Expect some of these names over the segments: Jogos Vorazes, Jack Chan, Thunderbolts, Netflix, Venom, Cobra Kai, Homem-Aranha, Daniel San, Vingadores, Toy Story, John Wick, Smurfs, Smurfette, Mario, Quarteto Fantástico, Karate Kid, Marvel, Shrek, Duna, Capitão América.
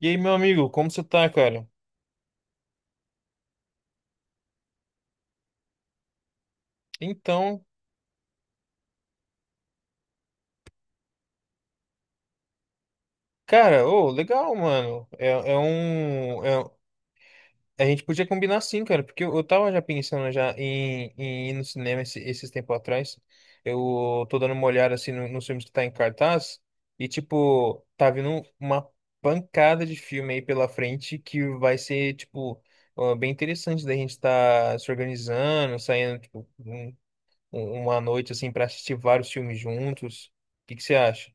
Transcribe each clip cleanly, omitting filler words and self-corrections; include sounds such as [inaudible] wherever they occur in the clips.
E aí, meu amigo, como você tá, cara? Então, cara, ô, legal, mano. A gente podia combinar sim, cara, porque eu tava já pensando já em ir no cinema esses tempos atrás. Eu tô dando uma olhada assim nos filmes que tá em cartaz e, tipo, tá vindo uma pancada de filme aí pela frente que vai ser, tipo, ó, bem interessante da gente tá se organizando, saindo, tipo, uma noite assim pra assistir vários filmes juntos. O que que você acha?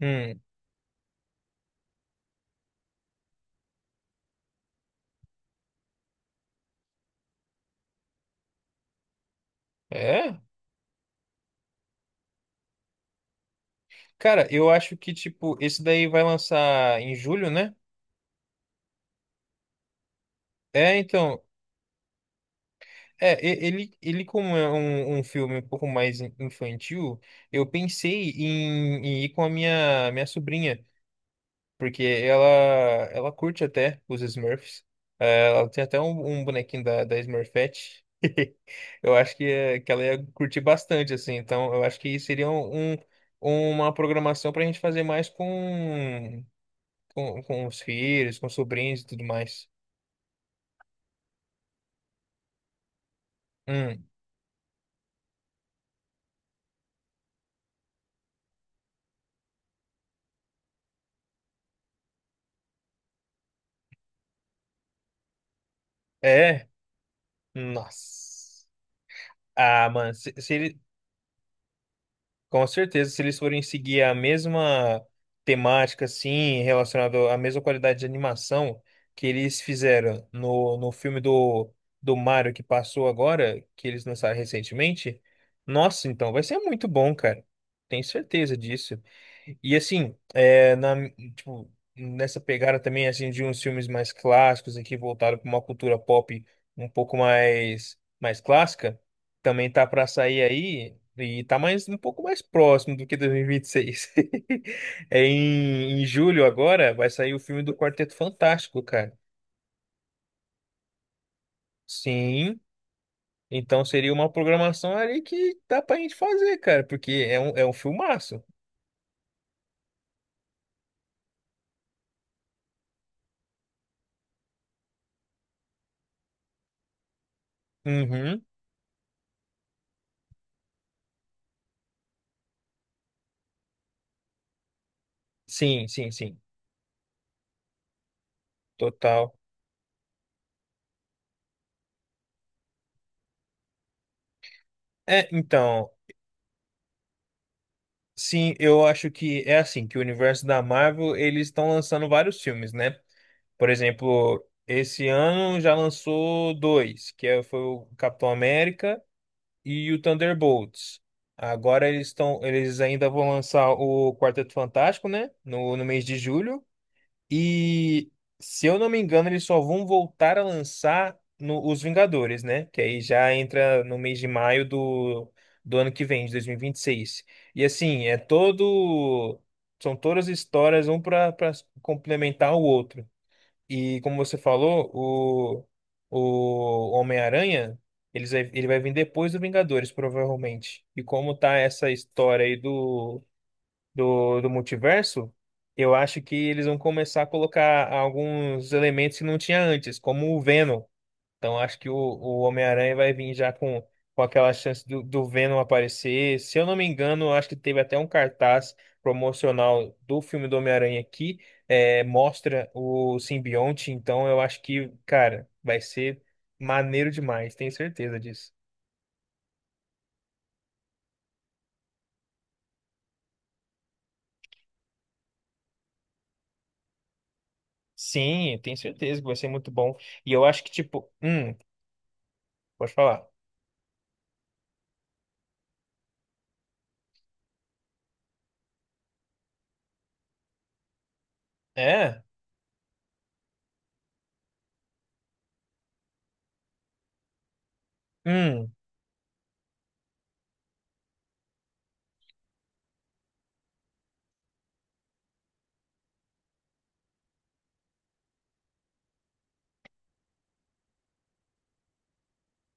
Hum, é? Cara, eu acho que, tipo, esse daí vai lançar em julho, né? É, então. Ele como é um filme um pouco mais infantil, eu pensei em ir com a minha sobrinha, porque ela curte até os Smurfs. É, ela tem até um bonequinho da Smurfette. [laughs] Eu acho que, que ela ia curtir bastante, assim. Então, eu acho que seria uma programação pra gente fazer mais com os filhos, com os sobrinhos e tudo mais. Hum, é? Nossa. Ah, mano, se ele- com certeza, se eles forem seguir a mesma temática, assim, relacionado à mesma qualidade de animação que eles fizeram no filme do Mario que passou agora, que eles lançaram recentemente, nossa, então vai ser muito bom, cara. Tenho certeza disso. E assim, tipo, nessa pegada também assim de uns filmes mais clássicos aqui voltado para uma cultura pop um pouco mais clássica, também tá para sair aí e tá mais um pouco mais próximo do que 2026. [laughs] É em julho agora vai sair o filme do Quarteto Fantástico, cara. Sim, então seria uma programação ali que dá pra gente fazer, cara, porque é um filmaço. Uhum. Sim, sim, sim. Total. É, então, sim, eu acho que é assim, que o universo da Marvel, eles estão lançando vários filmes, né? Por exemplo, esse ano já lançou dois, foi o Capitão América e o Thunderbolts. Agora eles ainda vão lançar o Quarteto Fantástico, né? No mês de julho. E se eu não me engano, eles só vão voltar a lançar no, os Vingadores, né? Que aí já entra no mês de maio do ano que vem, de 2026. E 26. E assim, é todo. São todas histórias, um para complementar o outro. E como você falou, o Homem-Aranha, ele vai vir depois do Vingadores, provavelmente. E como tá essa história aí do multiverso, eu acho que eles vão começar a colocar alguns elementos que não tinha antes, como o Venom. Então acho que o Homem-Aranha vai vir já com aquela chance do Venom aparecer. Se eu não me engano, acho que teve até um cartaz promocional do filme do Homem-Aranha aqui, mostra o simbionte. Então eu acho que, cara, vai ser maneiro demais, tenho certeza disso. Sim, eu tenho certeza que vai ser muito bom. E eu acho que, tipo, pode falar. É? Hum.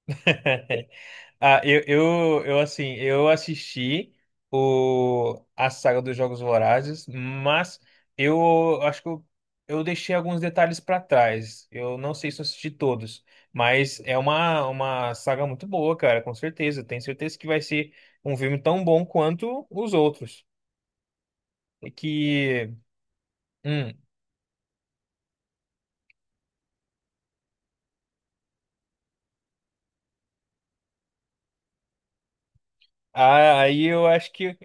[laughs] Ah, eu assisti a saga dos Jogos Vorazes, mas eu acho que eu deixei alguns detalhes para trás. Eu não sei se eu assisti todos, mas é uma saga muito boa, cara, com certeza. Tenho certeza que vai ser um filme tão bom quanto os outros. E que, hum, ah, aí eu acho que,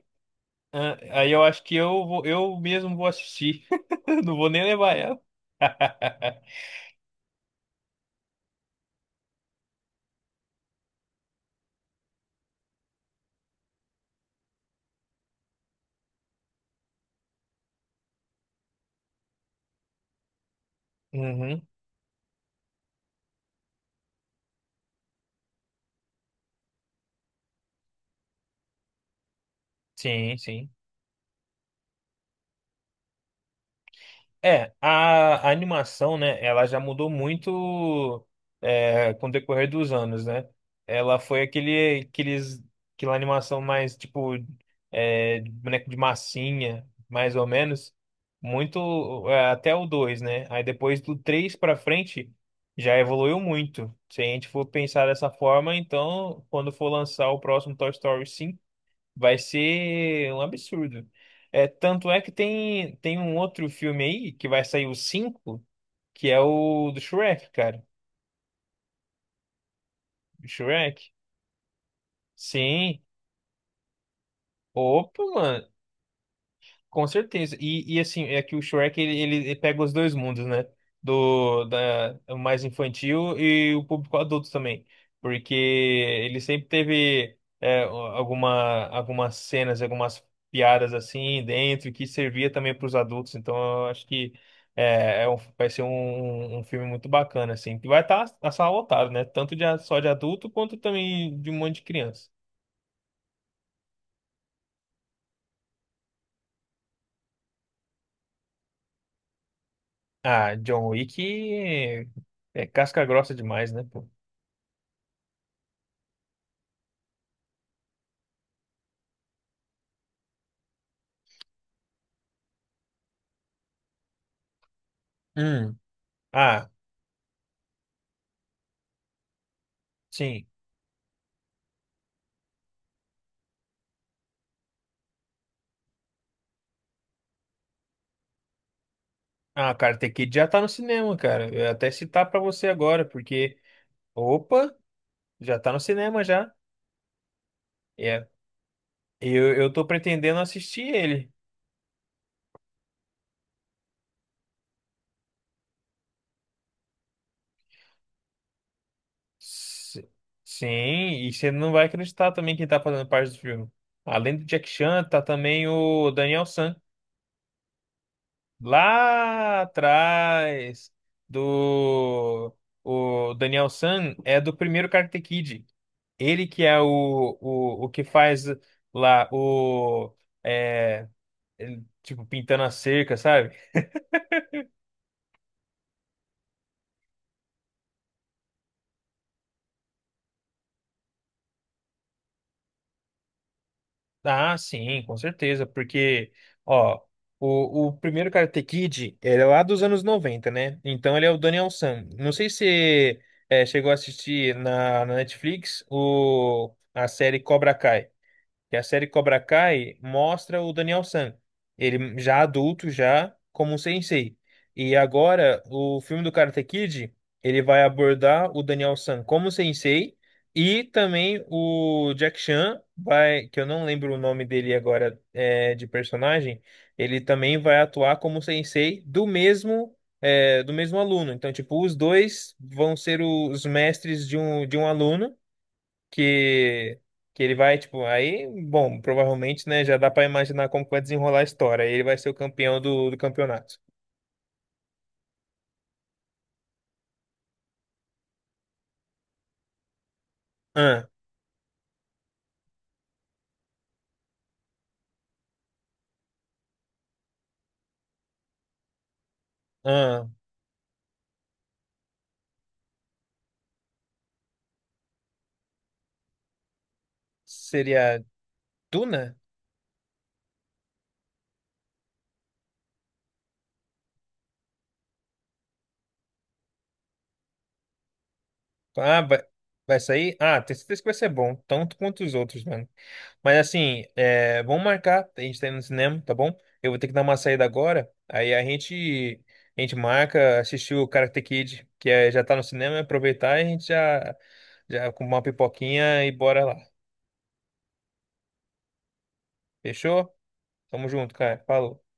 ah, aí eu acho que eu mesmo vou assistir. [laughs] Não vou nem levar ela. [laughs] Uhum, sim, sim. É, a animação, né, ela já mudou muito com o decorrer dos anos, né? Ela foi aquela animação mais, tipo, de boneco de massinha, mais ou menos, muito, até o 2, né? Aí depois do 3 pra frente, já evoluiu muito. Se a gente for pensar dessa forma, então, quando for lançar o próximo Toy Story cinco, vai ser um absurdo. É, tanto é que tem um outro filme aí que vai sair o 5 que é o do Shrek, cara. O Shrek. Sim. Opa, mano. Com certeza. E assim, é que o Shrek ele, ele pega os dois mundos, né? O mais infantil e o público adulto também. Porque ele sempre teve algumas cenas, algumas piadas assim dentro que servia também para os adultos. Então eu acho que vai ser um filme muito bacana, assim. Que vai estar a sala lotada, né? Tanto só de adulto quanto também de um monte de criança. Ah, John Wick é casca grossa demais, né? Pô? Hum. Ah, sim. Ah, Karate Kid já tá no cinema, cara. Eu ia até citar pra você agora, porque, opa, já tá no cinema já. É. Eu tô pretendendo assistir ele. S- Sim, e você não vai acreditar também quem tá fazendo parte do filme. Além do Jack Chan, tá também o Daniel San. Lá atrás do... O Daniel San é do primeiro Karate Kid. Ele que é o que faz lá o. É, ele, tipo, pintando a cerca, sabe? Ah, sim, com certeza, porque, ó, o primeiro Karate Kid, ele é lá dos anos 90, né? Então ele é o Daniel San. Não sei se chegou a assistir na Netflix a série Cobra Kai. Que a série Cobra Kai mostra o Daniel San, ele já adulto, já como um sensei. E agora, o filme do Karate Kid, ele vai abordar o Daniel San como sensei e também o Jack Chan vai, que eu não lembro o nome dele agora de personagem, ele também vai atuar como sensei do mesmo aluno. Então, tipo, os dois vão ser os mestres de um aluno que que ele vai, tipo, aí, bom, provavelmente, né, já dá pra imaginar como que vai desenrolar a história. Ele vai ser o campeão do campeonato. Ah, ah, seria Duna? Ah, vai sair? Ah, tenho certeza que vai ser bom, tanto quanto os outros, mano. Mas assim, vamos marcar, a gente tá indo no cinema, tá bom? Eu vou ter que dar uma saída agora, aí a gente marca, assistir o Karate Kid, que já tá no cinema, aproveitar e a gente já já com uma pipoquinha e bora lá. Fechou? Tamo junto, cara. Falou.